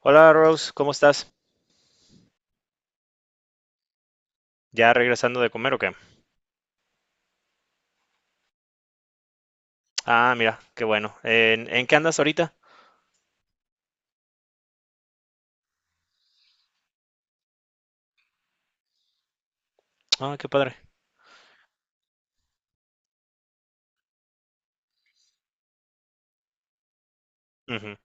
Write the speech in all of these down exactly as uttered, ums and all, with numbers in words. Hola Rose, ¿cómo estás? ¿Ya regresando de comer o qué? Ah, mira, qué bueno. ¿En, en qué andas ahorita? Ah, qué padre. Ujú.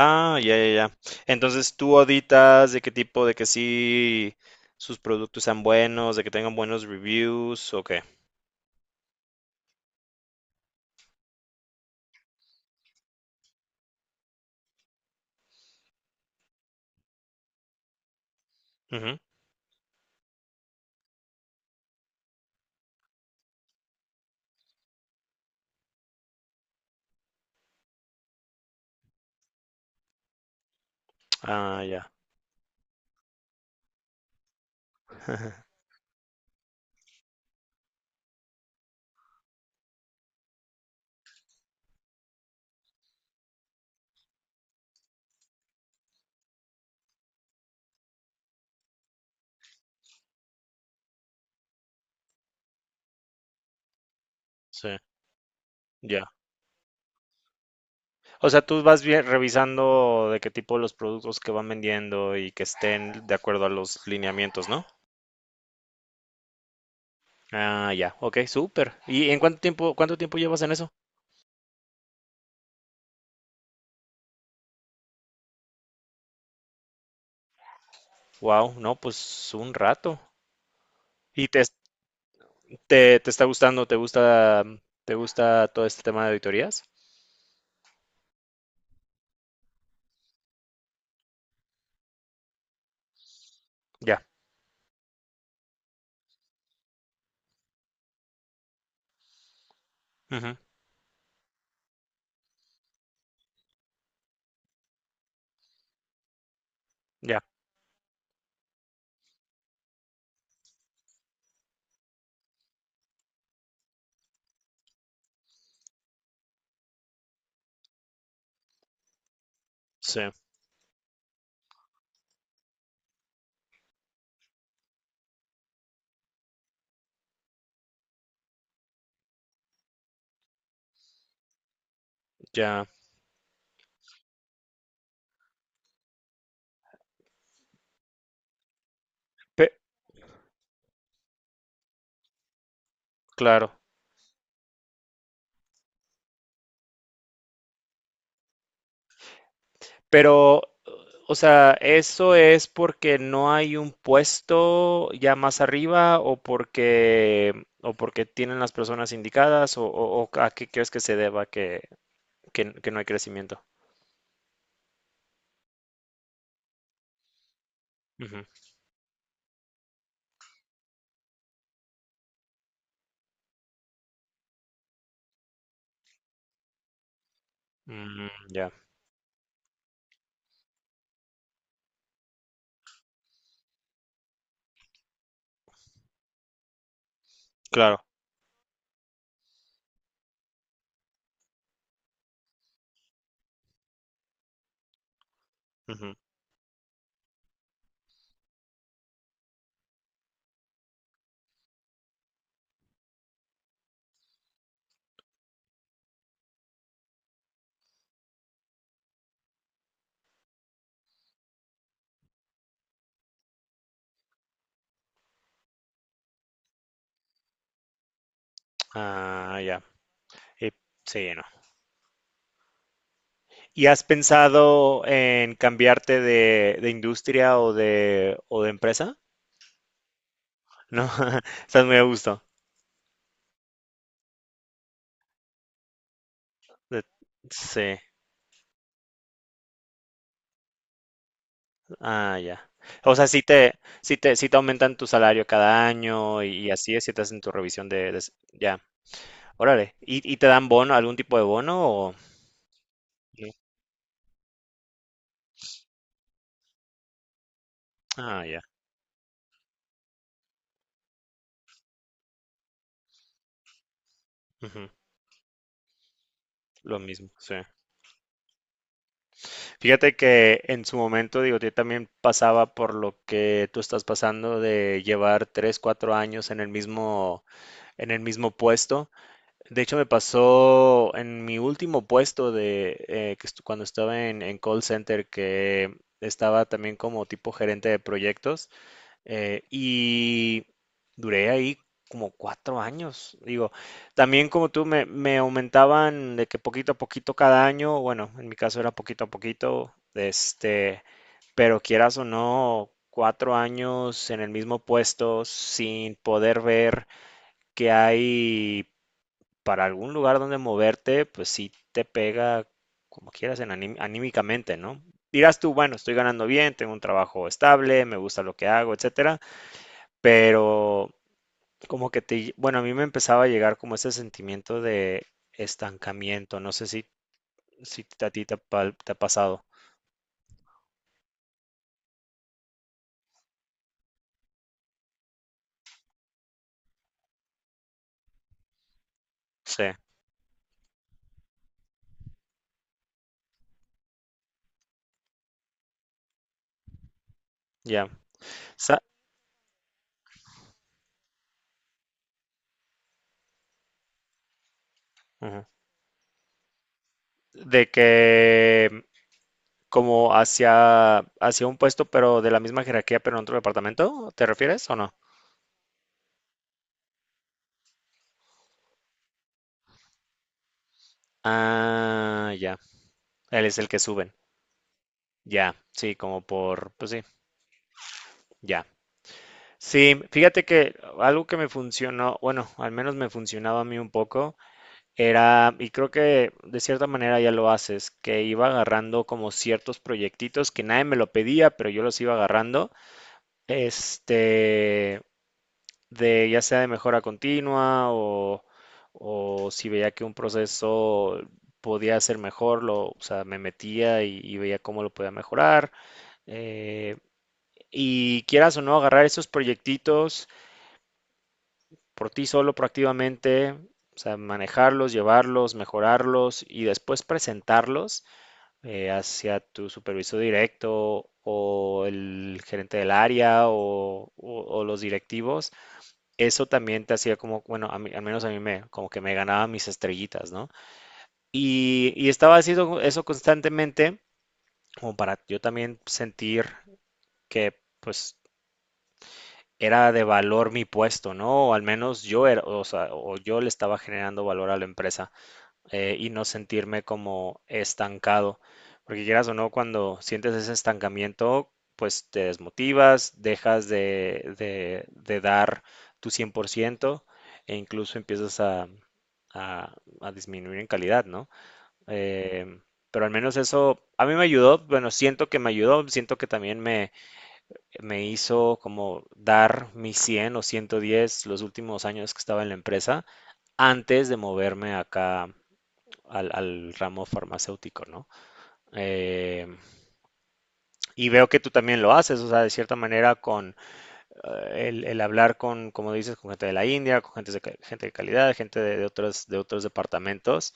Ah, ya, ya, ya. Entonces, ¿tú auditas de qué tipo, de que sí sus productos sean buenos, de que tengan buenos reviews o qué? Ujú. Ah, ya. Sí, ya. O sea, tú vas bien revisando de qué tipo los productos que van vendiendo y que estén de acuerdo a los lineamientos, ¿no? Ah, ya. Ok, súper. ¿Y en cuánto tiempo, cuánto tiempo llevas en eso? Wow, no, pues un rato. ¿Y te, te, te está gustando? ¿Te gusta, te gusta todo este tema de auditorías? Ya, ujú, ya, sí, ya. Pe- claro. Pero, o sea, ¿eso es porque no hay un puesto ya más arriba o porque, o porque tienen las personas indicadas o, o- o a qué crees que se deba que, que- que no hay crecimiento? Ujú. Mm, ya, claro. Ujú. Ah, ya. Y- sí, no. ¿Y has pensado en cambiarte de, de industria o de, o de empresa? No, estás muy a gusto. De- Sí, ah, ya. O sea, si te, si te, si te aumentan tu salario cada año y, y así es, si te hacen tu revisión de, de s- ya, órale. ¿Y, y te dan bono, algún tipo de bono o no? Ah, ya. Ujú. Lo mismo, sí. Fíjate que en su momento, digo, yo también pasaba por lo que tú estás pasando de llevar tres, cuatro años en el mismo en el mismo puesto. De hecho, me pasó en mi último puesto de eh, que estu- cuando estaba en, en call center, que estaba también como tipo gerente de proyectos eh, y duré ahí como cuatro años. Digo, también como tú me, me aumentaban de que poquito a poquito cada año, bueno, en mi caso era poquito a poquito, este, pero quieras o no, cuatro años en el mismo puesto sin poder ver que hay para algún lugar donde moverte, pues sí te pega como quieras en aní- anímicamente, ¿no? Dirás tú, bueno, estoy ganando bien, tengo un trabajo estable, me gusta lo que hago, etcétera, pero como que te, bueno, a mí me empezaba a llegar como ese sentimiento de estancamiento, no sé si, si a ti te ha, pa- te ha pasado. Sí, ya. Sa- ujú. De que como hacia, hacia un puesto, pero de la misma jerarquía, pero en otro departamento, ¿te refieres o no? Ah, ya. Él es el que suben. Ya, sí, como por, pues sí, ya. Sí, fíjate que algo que me funcionó, bueno, al menos me funcionaba a mí un poco, era, y creo que de cierta manera ya lo haces, que iba agarrando como ciertos proyectitos que nadie me lo pedía, pero yo los iba agarrando. Este, de ya sea de mejora continua o, o si veía que un proceso podía ser mejor, lo, o sea, me metía y, y veía cómo lo podía mejorar. eh, y quieras o no, agarrar esos proyectitos por ti solo proactivamente, o sea, manejarlos, llevarlos, mejorarlos y después presentarlos eh, hacia tu supervisor directo o el gerente del área o, o- o los directivos. Eso también te hacía como, bueno, a mí- al menos a mí me, como que me ganaba mis estrellitas, ¿no? Y, y estaba haciendo eso constantemente, como para yo también sentir que, pues, era de valor mi puesto, ¿no? O al menos yo era, o sea, o yo le estaba generando valor a la empresa. eh, y no sentirme como estancado. Porque quieras o no, cuando sientes ese estancamiento, pues te desmotivas, dejas de, de- de dar tu cien por ciento e incluso empiezas a, a- a disminuir en calidad, ¿no? Em, pero al menos eso a mí me ayudó, bueno, siento que me ayudó, siento que también me, me hizo como dar mi cien o ciento diez los últimos años que estaba en la empresa antes de moverme acá al, al ramo farmacéutico, ¿no? Eh, y veo que tú también lo haces, o sea, de cierta manera con eh, el, el, hablar con, como dices, con gente de la India, con gente de, gente de calidad, gente de, de otros, de otros departamentos,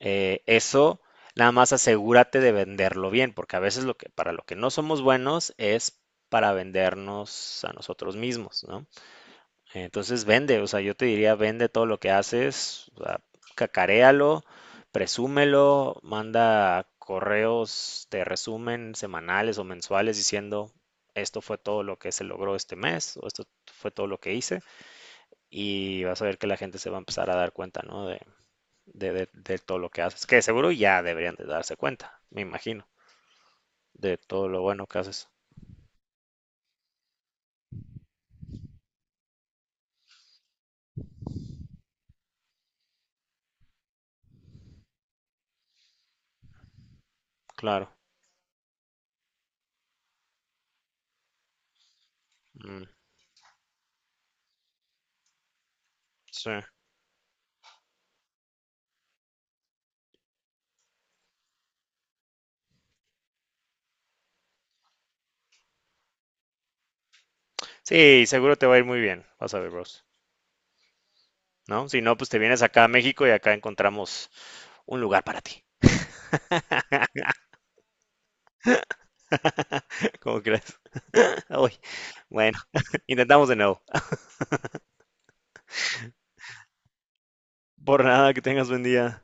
eh, eso nada más asegúrate de venderlo bien, porque a veces lo que, para lo que no somos buenos es para vendernos a nosotros mismos, ¿no? Entonces vende, o sea, yo te diría, vende todo lo que haces, o sea, cacaréalo, presúmelo, manda correos de resumen semanales o mensuales diciendo, esto fue todo lo que se logró este mes, o esto fue todo lo que hice, y vas a ver que la gente se va a empezar a dar cuenta, ¿no? De, de, de- de todo lo que haces, que seguro ya deberían de darse cuenta, me imagino, de todo lo bueno que haces. Claro. Mm, sí. Sí, seguro te va a ir muy bien, vas a ver, bros, ¿no? Si no, pues te vienes acá a México y acá encontramos un lugar para ti. ¿Cómo crees? Uy, bueno, intentamos de nuevo. Por nada, que tengas buen día.